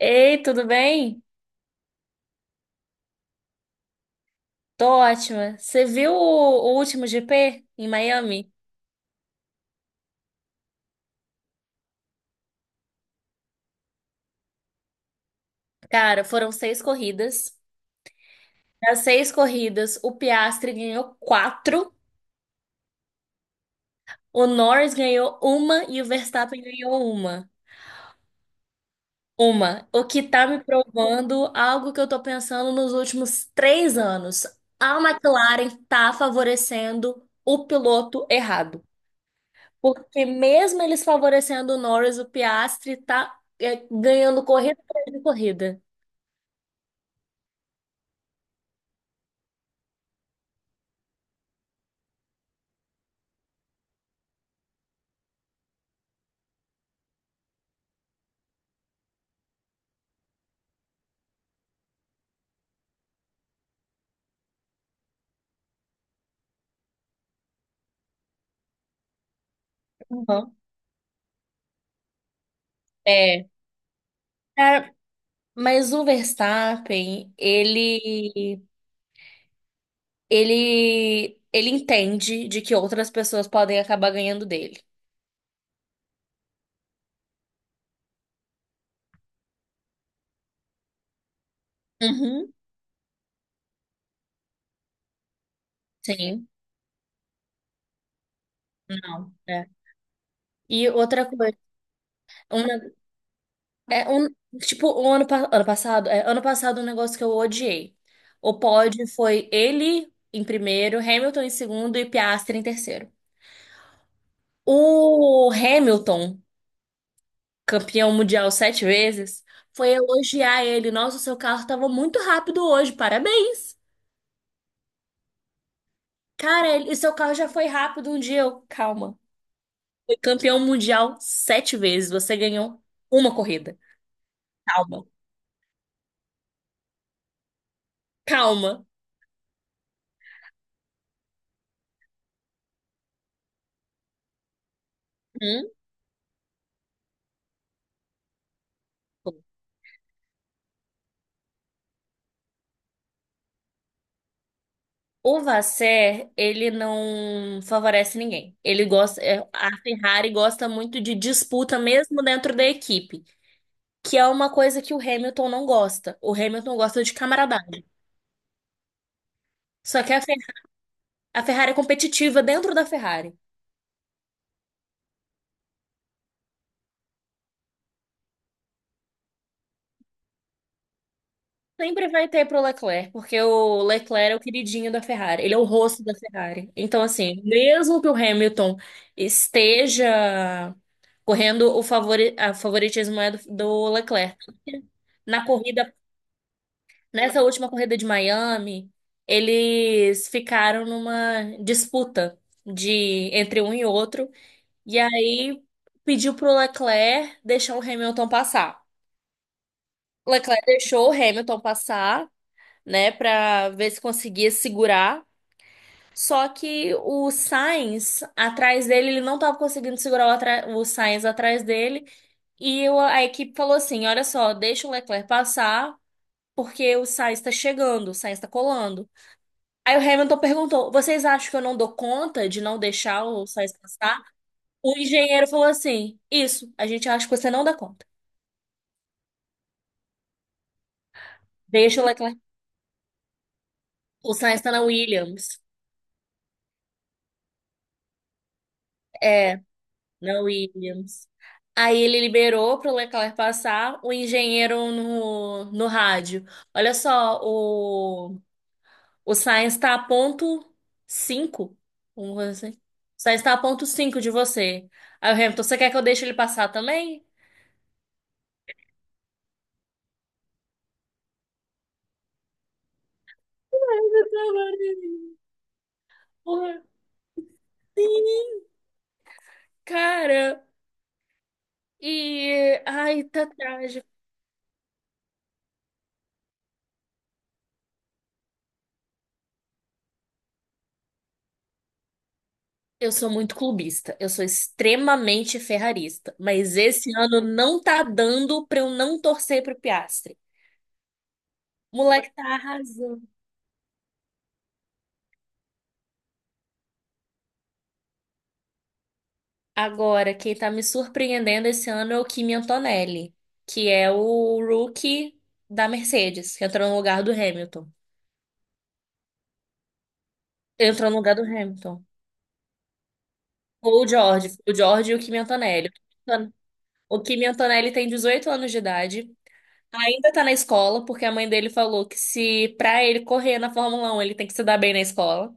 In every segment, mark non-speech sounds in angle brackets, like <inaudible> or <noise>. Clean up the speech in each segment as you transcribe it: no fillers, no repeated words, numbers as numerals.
Ei, tudo bem? Tô ótima. Você viu o último GP em Miami? Cara, foram seis corridas. Das seis corridas, o Piastri ganhou quatro, o Norris ganhou uma e o Verstappen ganhou uma. Uma. O que tá me provando algo que eu tô pensando nos últimos três anos. A McLaren tá favorecendo o piloto errado. Porque mesmo eles favorecendo o Norris, o Piastri tá ganhando corrida atrás de corrida. Uhum. É, cara, mas o Verstappen, ele entende de que outras pessoas podem acabar ganhando dele. Uhum. Sim, não, é. E outra coisa, uma- é um, tipo, o ano, pa- ano passado, é, ano passado um negócio que eu odiei. O pódio foi ele em primeiro, Hamilton em segundo e Piastri em terceiro. O Hamilton campeão mundial sete vezes, foi elogiar ele. Nossa, o seu carro estava muito rápido hoje, parabéns. Cara, ele, o seu carro já foi rápido um dia. Eu, calma. Foi campeão mundial sete vezes, você ganhou uma corrida. Calma, calma. Hum? O Vasser, ele não favorece ninguém. A Ferrari gosta muito de disputa mesmo dentro da equipe, que é uma coisa que o Hamilton não gosta. O Hamilton gosta de camaradagem. Só que a Ferrari é competitiva dentro da Ferrari. Sempre vai ter pro Leclerc, porque o Leclerc é o queridinho da Ferrari, ele é o rosto da Ferrari. Então, assim, mesmo que o Hamilton esteja correndo, a favoritismo é do Leclerc. Na corrida, nessa última corrida de Miami, eles ficaram numa disputa de entre um e outro, e aí pediu pro Leclerc deixar o Hamilton passar. Leclerc deixou o Hamilton passar, né, para ver se conseguia segurar. Só que o Sainz atrás dele, ele não estava conseguindo segurar o Sainz atrás dele. E a equipe falou assim: olha só, deixa o Leclerc passar, porque o Sainz está chegando, o Sainz está colando. Aí o Hamilton perguntou: vocês acham que eu não dou conta de não deixar o Sainz passar? O engenheiro falou assim: isso, a gente acha que você não dá conta. Deixa o Leclerc. O Sainz está na Williams. É, na Williams. Aí ele liberou para o Leclerc passar, o engenheiro no rádio. Olha só, o Sainz está a ponto 5 vamos dizer assim. O Sainz está a ponto 5 de você. Aí o Hamilton, você quer que eu deixe ele passar também? Porra, cara, e ai, tá trágico. Eu sou muito clubista, eu sou extremamente ferrarista, mas esse ano não tá dando pra eu não torcer pro Piastri. O moleque tá arrasando. Agora, quem tá me surpreendendo esse ano é o Kimi Antonelli, que é o rookie da Mercedes, que entrou no lugar do Hamilton. Entrou no lugar do Hamilton. Ou o George, e o Kimi Antonelli. O Kimi Antonelli tem 18 anos de idade, ainda tá na escola, porque a mãe dele falou que se pra ele correr na Fórmula 1, ele tem que se dar bem na escola.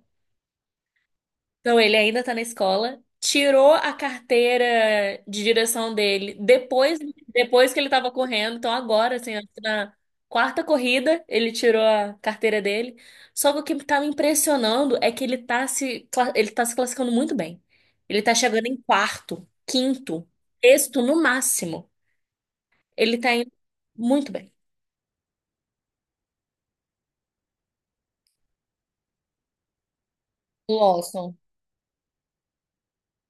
Então, ele ainda tá na escola, tirou a carteira de direção dele depois que ele tava correndo. Então, agora, assim, acho que na quarta corrida, ele tirou a carteira dele. Só que o que tá me impressionando é que ele tá se classificando muito bem. Ele tá chegando em quarto, quinto, sexto no máximo. Ele tá indo muito bem. Lawson.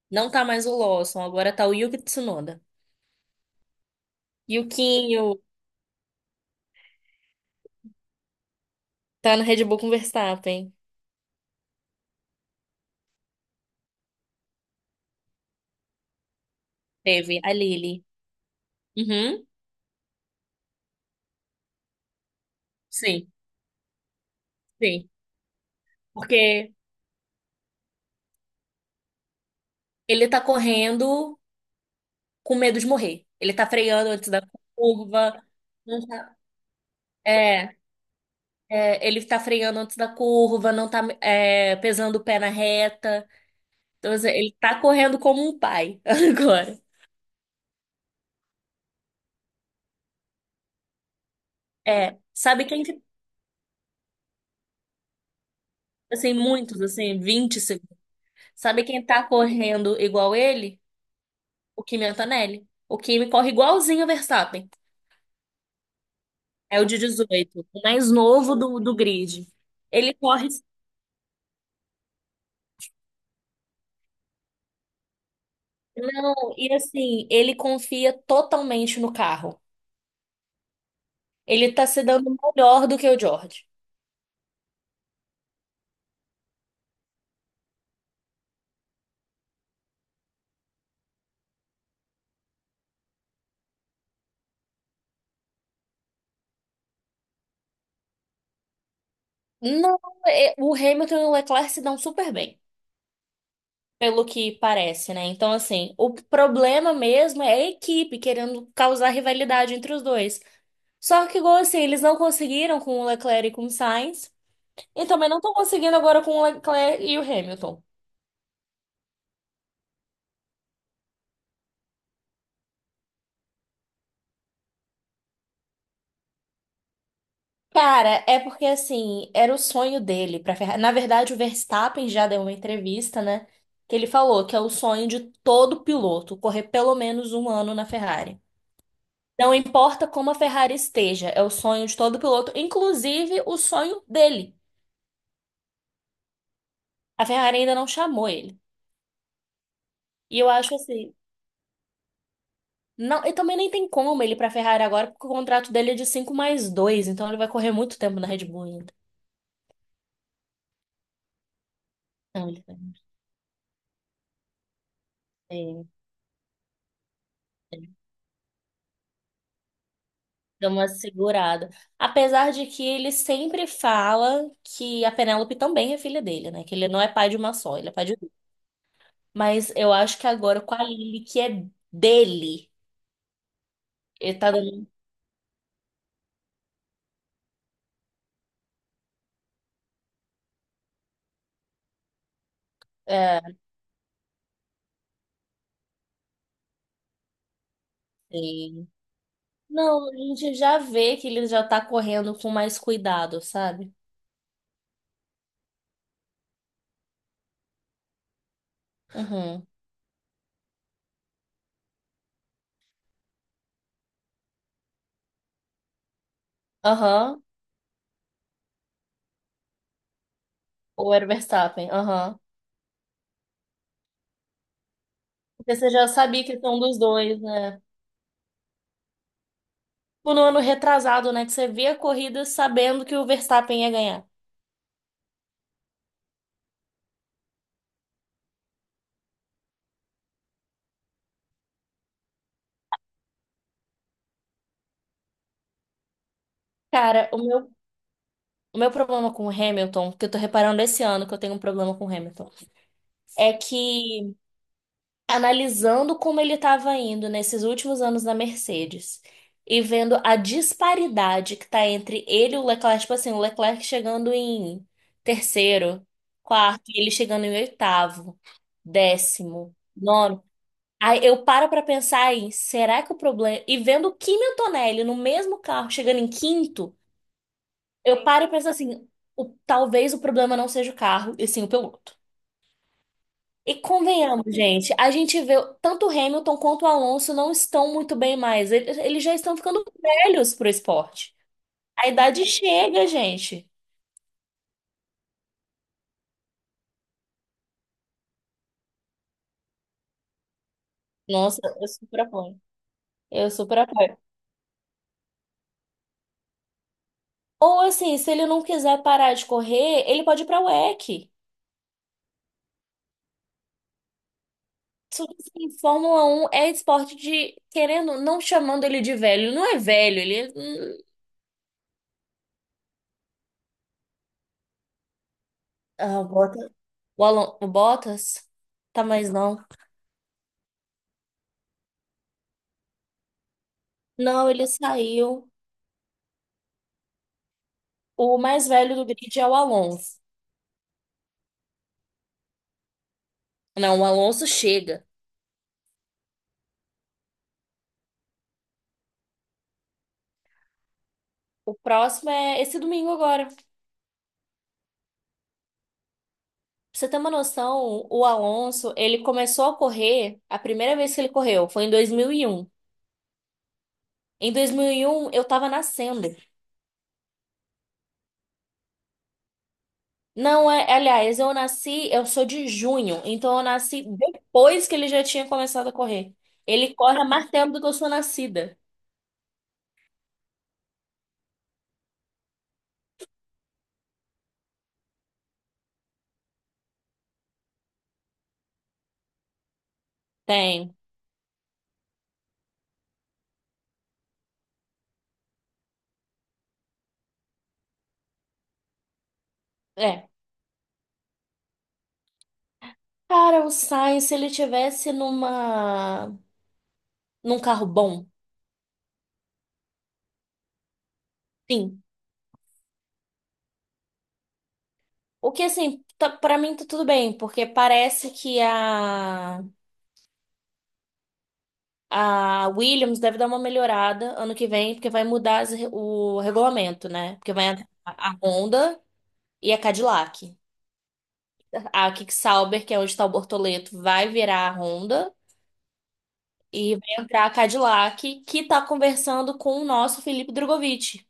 Não tá mais o Lawson, agora tá o Yuki Tsunoda. Yukinho tá no Red Bull com o Verstappen. Teve a Lily. Uhum. Sim, sim. Porque ele tá correndo com medo de morrer. Ele tá freando antes da curva. Não tá. É, ele tá freando antes da curva, não tá, pesando o pé na reta. Então, assim, ele tá correndo como um pai <laughs> agora. É, sabe quem que, assim, muitos, assim, 20 segundos. Sabe quem tá correndo igual ele? O Kimi Antonelli. O Kimi corre igualzinho o Verstappen. É o de 18 o mais novo do grid. Ele corre Não, e assim, ele confia totalmente no carro. Ele tá se dando melhor do que o George. Não, o Hamilton e o Leclerc se dão super bem, pelo que parece, né? Então, assim, o problema mesmo é a equipe querendo causar rivalidade entre os dois. Só que, igual assim, eles não conseguiram com o Leclerc e com o Sainz, e também não estão conseguindo agora com o Leclerc e o Hamilton. Cara, é porque assim, era o sonho dele para Ferrari. Na verdade, o Verstappen já deu uma entrevista, né? Que ele falou que é o sonho de todo piloto correr pelo menos um ano na Ferrari. Não importa como a Ferrari esteja, é o sonho de todo piloto, inclusive o sonho dele. A Ferrari ainda não chamou ele. E eu acho assim, não, e também nem tem como ele ir pra Ferrari agora, porque o contrato dele é de 5 mais 2, então ele vai correr muito tempo na Red Bull ainda. Não, ele vai. É. Dá uma segurada. Apesar de que ele sempre fala que a Penélope também é filha dele, né? Que ele não é pai de uma só, ele é pai de duas. Mas eu acho que agora com a Lily, que é dele, ele tá dando. É, assim. Não, a gente já vê que ele já tá correndo com mais cuidado, sabe? Uhum. Aham. Ou era o Verstappen, aham. Porque você já sabia que são dos dois, né? Tipo, no ano retrasado, né? Que você vê a corrida sabendo que o Verstappen ia ganhar. Cara, o meu problema com o Hamilton, que eu tô reparando esse ano que eu tenho um problema com o Hamilton, é que analisando como ele estava indo nesses últimos anos na Mercedes e vendo a disparidade que tá entre ele e o Leclerc, tipo assim, o Leclerc chegando em terceiro, quarto, e ele chegando em oitavo, décimo, nono. Aí eu paro pra pensar aí, será que o problema. E vendo o Kimi Antonelli no mesmo carro chegando em quinto. Eu paro e penso assim, talvez o problema não seja o carro, e sim o piloto. E convenhamos, gente, a gente vê tanto o Hamilton quanto o Alonso não estão muito bem mais. Eles já estão ficando velhos pro esporte. A idade chega, gente. Nossa, eu super apoio. Eu super apoio. Ou assim, se ele não quiser parar de correr, ele pode ir pra WEC. Só que assim, Fórmula Um é esporte de, querendo, não chamando ele de velho. Ele não é velho, ele é. Ah, o Bottas? Tá, mas não. Não, ele saiu. O mais velho do grid é o Alonso. Não, o Alonso chega. O próximo é esse domingo agora. Pra você ter uma noção, o Alonso, ele começou a correr, a primeira vez que ele correu foi em 2001. Em 2001 eu tava nascendo. Não é, aliás, eu nasci, eu sou de junho, então eu nasci depois que ele já tinha começado a correr. Ele corre há mais tempo do que eu sou nascida. Tem. É. Cara, o Sainz, se ele tivesse num carro bom, sim. O que assim, tá, para mim tá tudo bem, porque parece que a Williams deve dar uma melhorada ano que vem, porque vai mudar o regulamento, né? Porque vai entrar a Honda e a Cadillac. A Kick-Sauber, que é onde está o Bortoleto, vai virar a Honda e vai entrar a Cadillac, que tá conversando com o nosso Felipe Drogovic.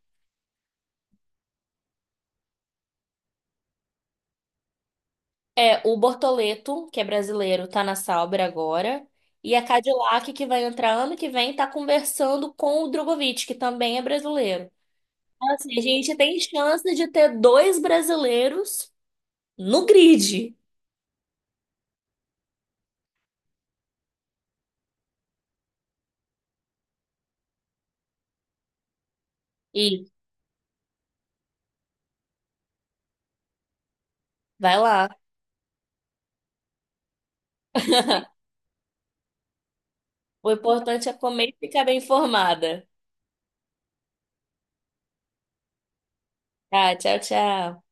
É, o Bortoleto, que é brasileiro, tá na Sauber agora. E a Cadillac, que vai entrar ano que vem, tá conversando com o Drogovic, que também é brasileiro. Então, assim, a gente tem chance de ter dois brasileiros no grid. E vai lá. O importante é comer e ficar bem informada. Tá, tchau, tchau.